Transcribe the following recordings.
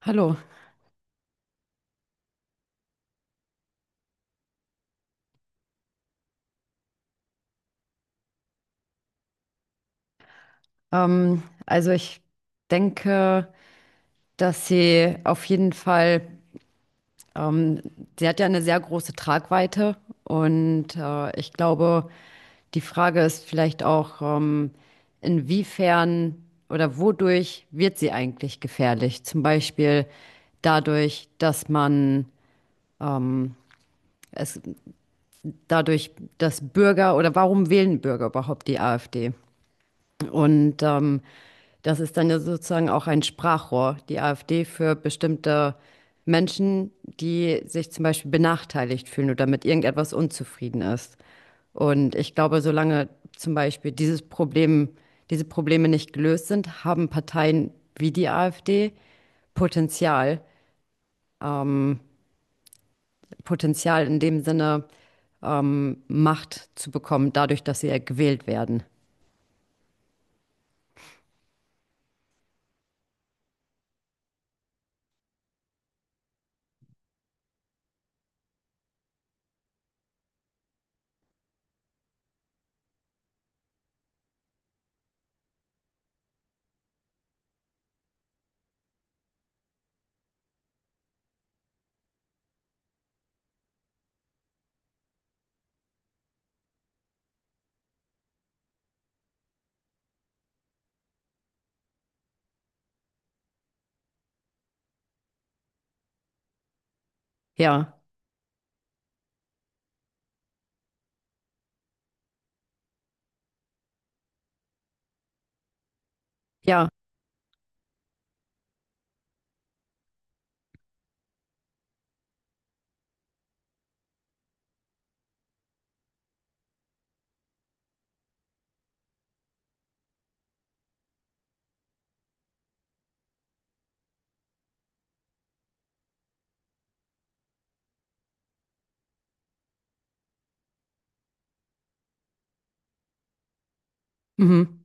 Hallo. Also ich denke, dass sie auf jeden Fall, ähm, sie hat ja eine sehr große Tragweite und ich glaube, die Frage ist vielleicht auch, inwiefern oder wodurch wird sie eigentlich gefährlich? Zum Beispiel dadurch, dass man es, dadurch, dass Bürger oder warum wählen Bürger überhaupt die AfD? Und das ist dann ja sozusagen auch ein Sprachrohr, die AfD für bestimmte Menschen, die sich zum Beispiel benachteiligt fühlen oder mit irgendetwas unzufrieden ist. Und ich glaube, solange zum Beispiel dieses Problem, diese Probleme nicht gelöst sind, haben Parteien wie die AfD Potenzial, ähm, Potenzial in dem Sinne, Macht zu bekommen, dadurch, dass sie ja gewählt werden. Ja, ja, mhm.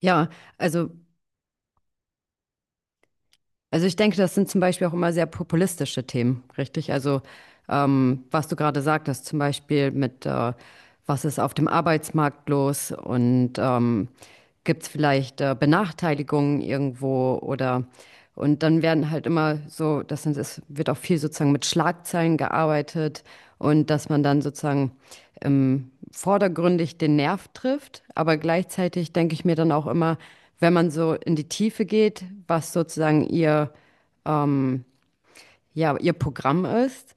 Ja, also also ich denke, das sind zum Beispiel auch immer sehr populistische Themen, richtig? Also was du gerade sagtest, zum Beispiel mit, was ist auf dem Arbeitsmarkt los und gibt es vielleicht Benachteiligungen irgendwo oder und dann werden halt immer so, das sind, es wird auch viel sozusagen mit Schlagzeilen gearbeitet und dass man dann sozusagen vordergründig den Nerv trifft, aber gleichzeitig denke ich mir dann auch immer, wenn man so in die Tiefe geht, was sozusagen ihr, ja, ihr Programm ist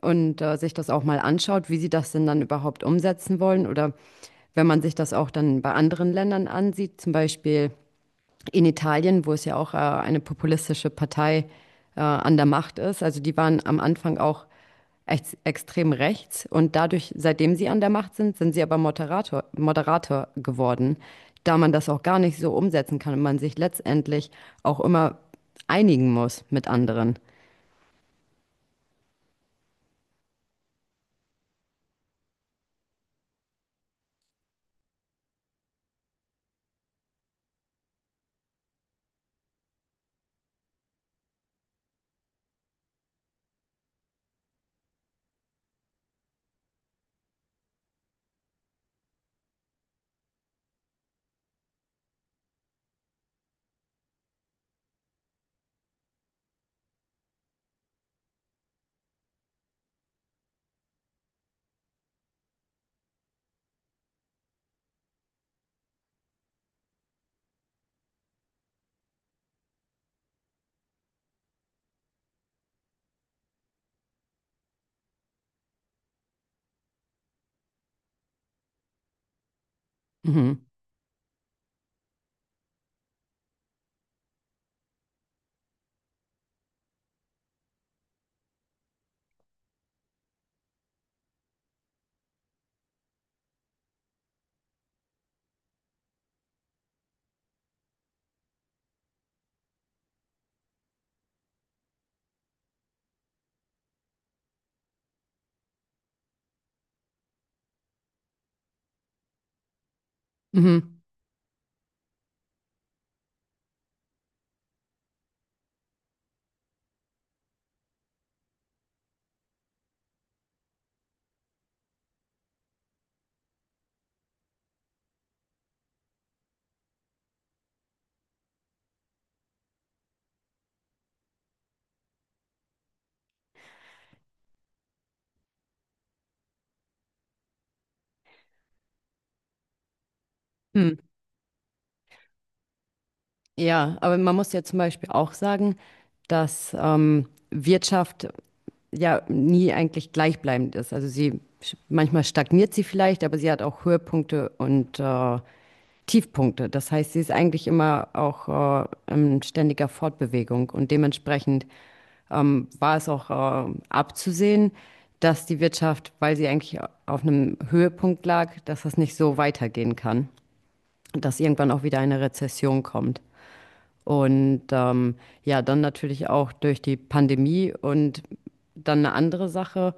und sich das auch mal anschaut, wie sie das denn dann überhaupt umsetzen wollen oder wenn man sich das auch dann bei anderen Ländern ansieht, zum Beispiel in Italien, wo es ja auch eine populistische Partei an der Macht ist. Also die waren am Anfang auch ex extrem rechts und dadurch, seitdem sie an der Macht sind, sind sie aber Moderator, Moderator geworden, da man das auch gar nicht so umsetzen kann und man sich letztendlich auch immer einigen muss mit anderen. Mhm. Mhm. Mhm. Ja, aber man muss ja zum Beispiel auch sagen, dass Wirtschaft ja nie eigentlich gleichbleibend ist. Also sie manchmal stagniert sie vielleicht, aber sie hat auch Höhepunkte und Tiefpunkte. Das heißt, sie ist eigentlich immer auch in ständiger Fortbewegung und dementsprechend war es auch abzusehen, dass die Wirtschaft, weil sie eigentlich auf einem Höhepunkt lag, dass das nicht so weitergehen kann, dass irgendwann auch wieder eine Rezession kommt. Und ja, dann natürlich auch durch die Pandemie und dann eine andere Sache,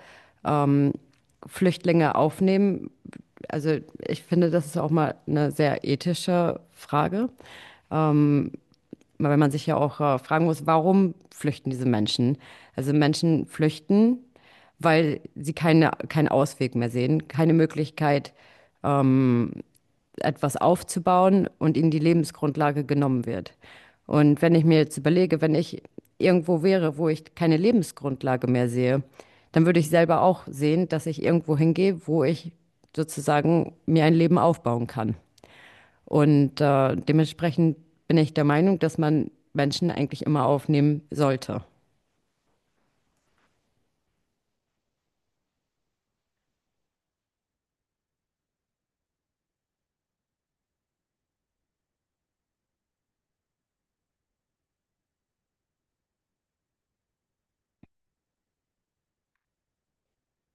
Flüchtlinge aufnehmen? Also ich finde, das ist auch mal eine sehr ethische Frage, weil man sich ja auch fragen muss, warum flüchten diese Menschen? Also Menschen flüchten, weil sie keinen Ausweg mehr sehen, keine Möglichkeit, etwas aufzubauen und ihnen die Lebensgrundlage genommen wird. Und wenn ich mir jetzt überlege, wenn ich irgendwo wäre, wo ich keine Lebensgrundlage mehr sehe, dann würde ich selber auch sehen, dass ich irgendwo hingehe, wo ich sozusagen mir ein Leben aufbauen kann. Und dementsprechend bin ich der Meinung, dass man Menschen eigentlich immer aufnehmen sollte.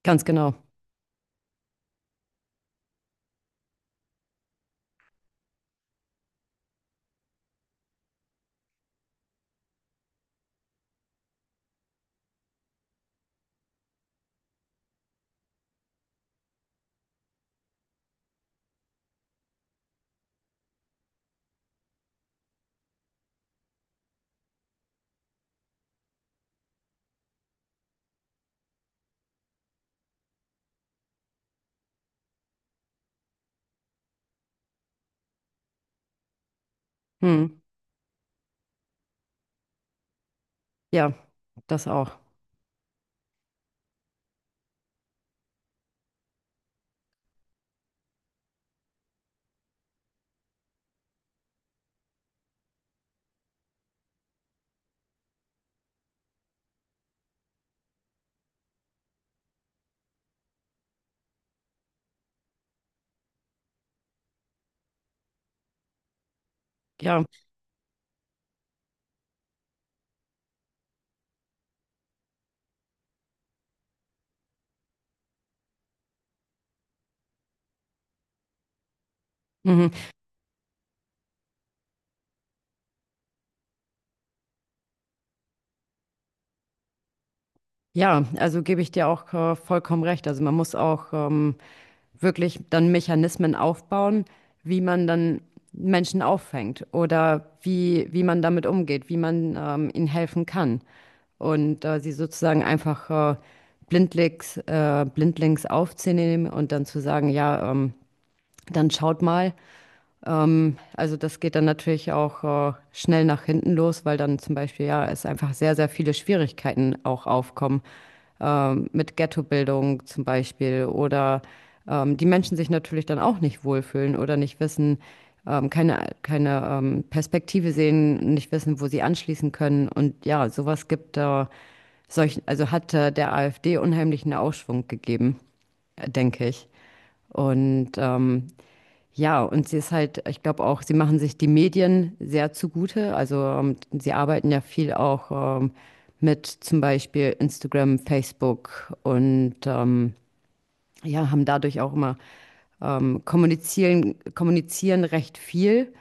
Ganz genau. Hm. Ja, das auch. Ja, mhm. Ja, also gebe ich dir auch vollkommen recht. Also man muss auch wirklich dann Mechanismen aufbauen, wie man dann Menschen auffängt oder wie man damit umgeht, wie man ihnen helfen kann. Und sie sozusagen einfach blindlings, blindlings aufzunehmen und dann zu sagen, ja, dann schaut mal, also das geht dann natürlich auch schnell nach hinten los, weil dann zum Beispiel ja es einfach sehr, sehr viele Schwierigkeiten auch aufkommen mit Ghettobildung zum Beispiel oder die Menschen sich natürlich dann auch nicht wohlfühlen oder nicht wissen, keine Perspektive sehen, nicht wissen, wo sie anschließen können. Und ja, sowas gibt solch, also hat der AfD unheimlichen Aufschwung gegeben, denke ich. Und ja, und sie ist halt, ich glaube auch, sie machen sich die Medien sehr zugute. Also sie arbeiten ja viel auch mit zum Beispiel Instagram, Facebook und ja, haben dadurch auch immer kommunizieren recht viel.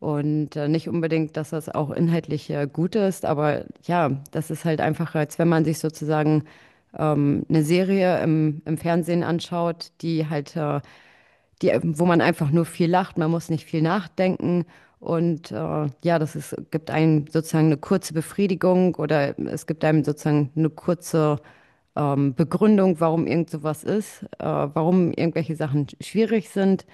Und nicht unbedingt, dass das auch inhaltlich gut ist, aber ja, das ist halt einfach, als wenn man sich sozusagen eine Serie im Fernsehen anschaut, die halt die, wo man einfach nur viel lacht, man muss nicht viel nachdenken. Und ja, das ist, gibt einem sozusagen eine kurze Befriedigung oder es gibt einem sozusagen eine kurze Begründung, warum irgend sowas ist, warum irgendwelche Sachen schwierig sind.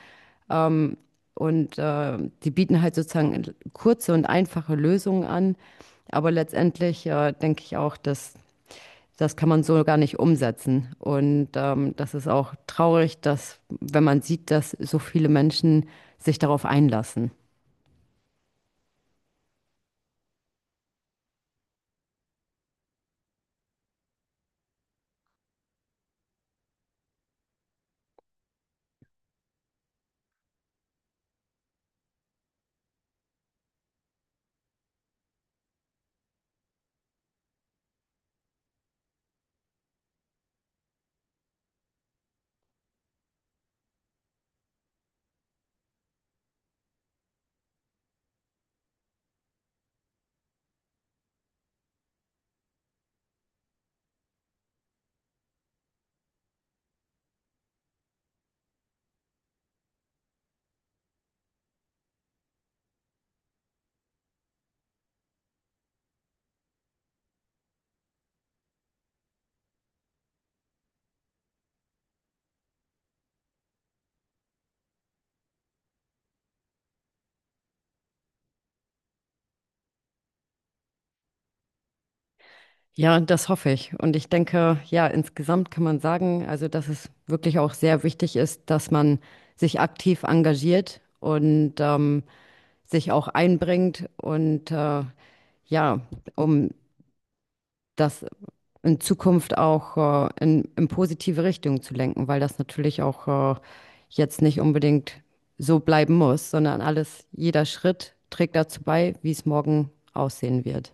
Und die bieten halt sozusagen kurze und einfache Lösungen an. Aber letztendlich denke ich auch, dass das kann man so gar nicht umsetzen. Und das ist auch traurig, dass, wenn man sieht, dass so viele Menschen sich darauf einlassen. Ja, und das hoffe ich. Und ich denke, ja, insgesamt kann man sagen, also, dass es wirklich auch sehr wichtig ist, dass man sich aktiv engagiert und sich auch einbringt und ja, um das in Zukunft auch in positive Richtung zu lenken, weil das natürlich auch jetzt nicht unbedingt so bleiben muss, sondern alles, jeder Schritt trägt dazu bei, wie es morgen aussehen wird.